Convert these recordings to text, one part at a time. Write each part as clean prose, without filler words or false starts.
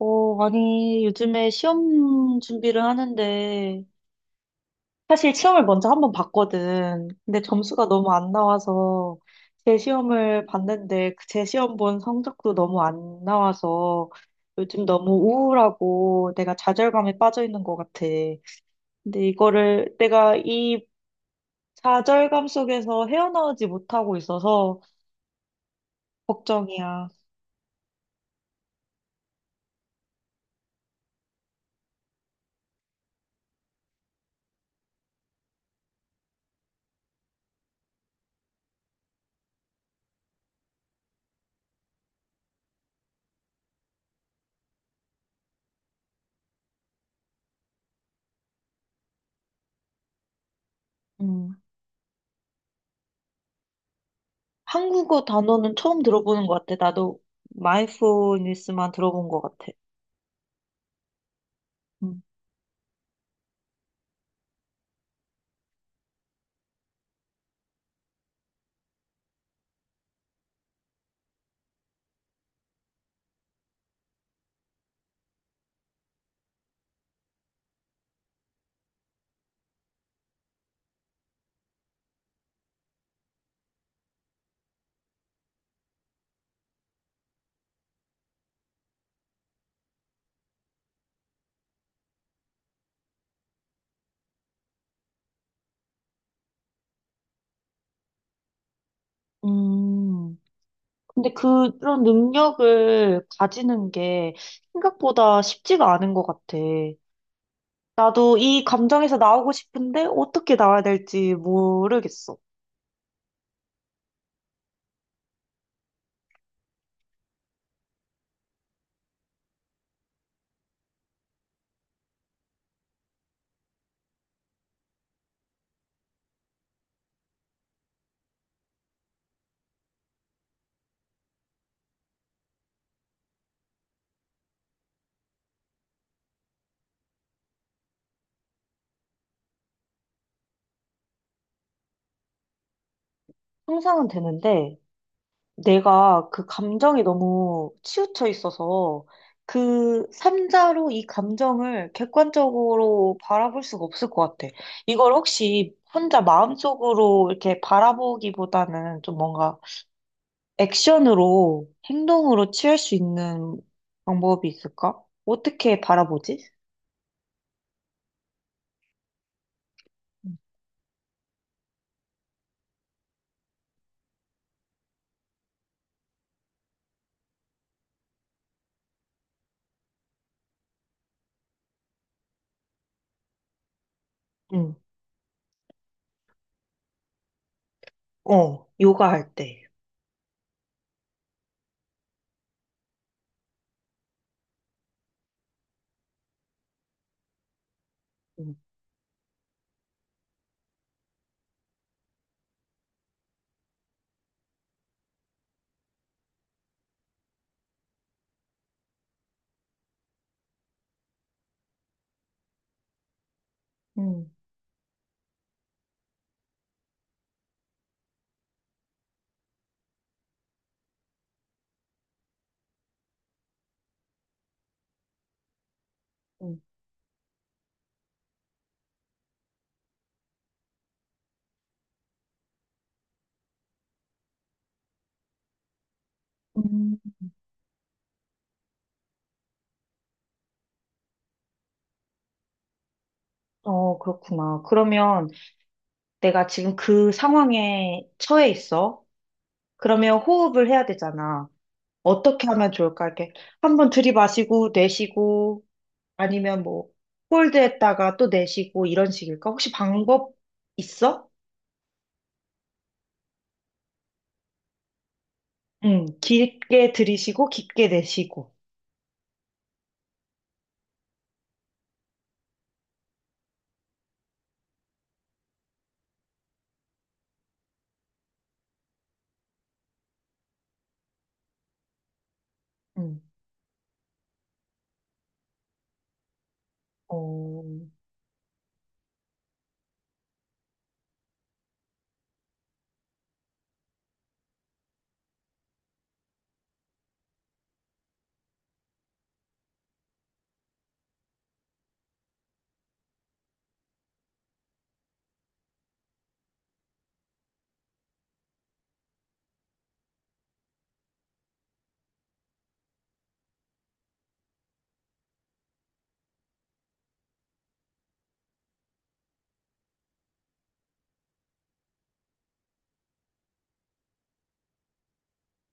어, 아니, 요즘에 시험 준비를 하는데, 사실 시험을 먼저 한번 봤거든. 근데 점수가 너무 안 나와서, 제 시험을 봤는데, 그제 시험 본 성적도 너무 안 나와서, 요즘 너무 우울하고, 내가 좌절감에 빠져 있는 것 같아. 근데 이거를, 내가 이 좌절감 속에서 헤어나오지 못하고 있어서, 걱정이야. 음. 한국어 단어는 처음 들어보는 것 같아. 나도 마이드풀니스만 들어본 것 같아. 음, 음. 근데 그런 능력을 가지는 게 생각보다 쉽지가 않은 것 같아. 나도 이 감정에서 나오고 싶은데 어떻게 나와야 될지 모르겠어. 상상은 되는데 내가 그 감정이 너무 치우쳐 있어서 그 삼자로 이 감정을 객관적으로 바라볼 수가 없을 것 같아. 이걸 혹시 혼자 마음속으로 이렇게 바라보기보다는 좀 뭔가 액션으로 행동으로 취할 수 있는 방법이 있을까? 어떻게 바라보지? 응, 어, 요가 할 때. 응. 음, 음, 음, 어, 그렇구나. 그러면 내가 지금 그 상황에 처해 있어. 그러면 호흡을 해야 되잖아. 어떻게 하면 좋을까? 이렇게 한번 들이마시고 내쉬고 아니면 뭐 홀드했다가 또 내쉬고 이런 식일까? 혹시 방법 있어? 응, 길게 들이쉬고 깊게 내쉬고. 음, 어,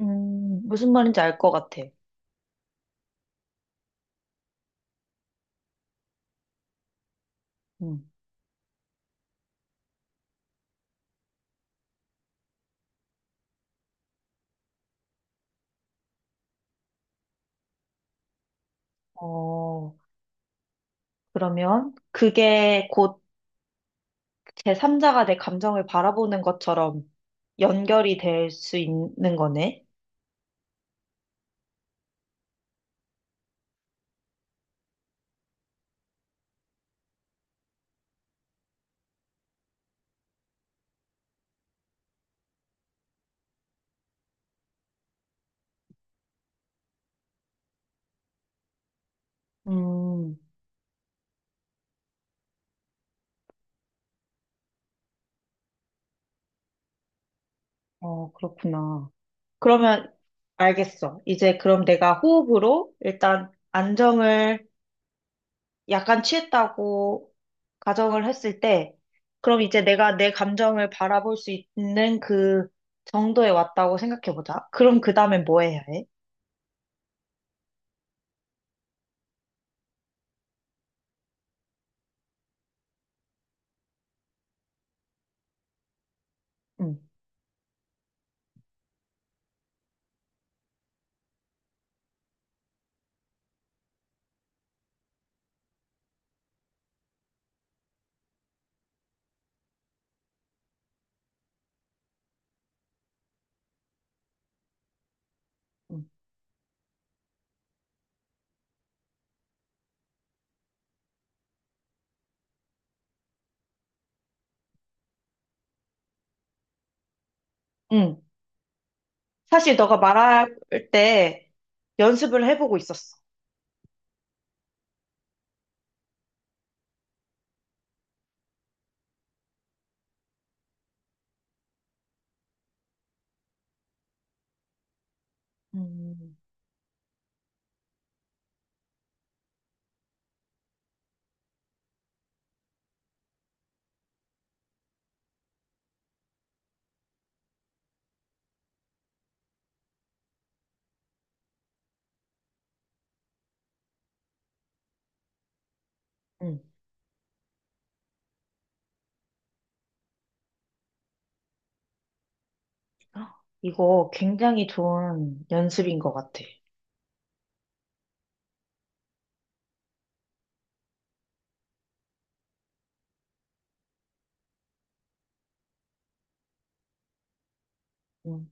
무슨 말인지 알 것 같아. 음. 어, 그러면 그게 곧 제3자가 내 감정을 바라보는 것처럼 연결이 될 수 있는 거네. 음, 어, 그렇구나. 그러면 알겠어. 이제 그럼 내가 호흡으로 일단 안정을 약간 취했다고 가정을 했을 때, 그럼 이제 내가 내 감정을 바라볼 수 있는 그 정도에 왔다고 생각해보자. 그럼 그 다음엔 뭐 해야 해? 응, 응, 응. 사실 너가 말할 때 연습을 해보고 있었어. 음, 응. 헉, 이거 굉장히 좋은 연습인 것 같아. 음.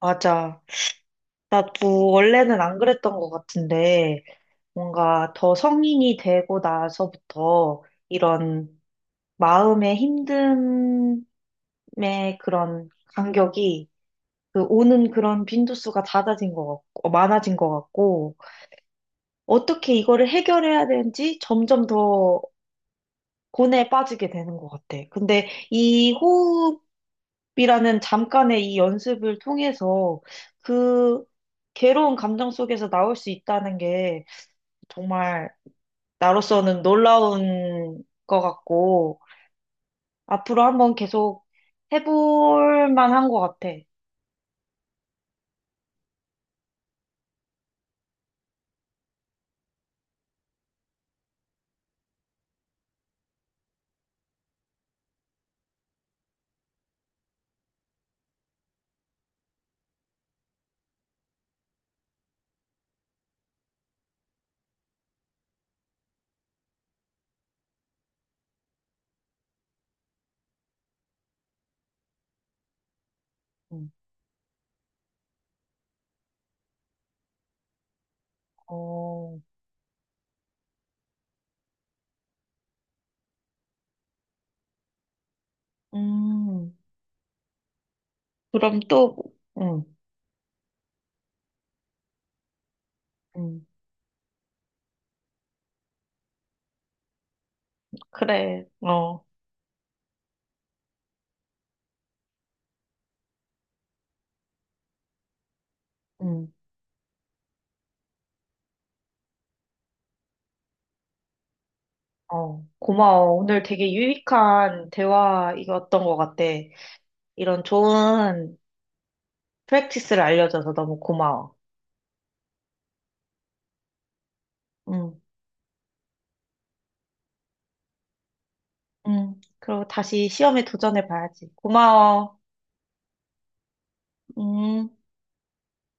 맞아. 나도 원래는 안 그랬던 것 같은데, 뭔가 더 성인이 되고 나서부터 이런 마음의 힘듦의 그런 간격이 그 오는 그런 빈도수가 잦아진 것 같고, 많아진 것 같고, 어떻게 이거를 해결해야 되는지 점점 더 고뇌에 빠지게 되는 것 같아. 근데 이 호흡이라는 잠깐의 이 연습을 통해서 그 괴로운 감정 속에서 나올 수 있다는 게 정말 나로서는 놀라운 것 같고, 앞으로 한번 계속 해볼 만한 것 같아. 음. 어, 음, 그럼 또, 음, 음, 그래, 어, 음, 어, 고마워. 오늘 되게 유익한 대화이었던 것 같아. 이런 좋은 프랙티스를 알려줘서 너무 고마워. 음, 그리고 다시 시험에 도전해 봐야지. 고마워. 음.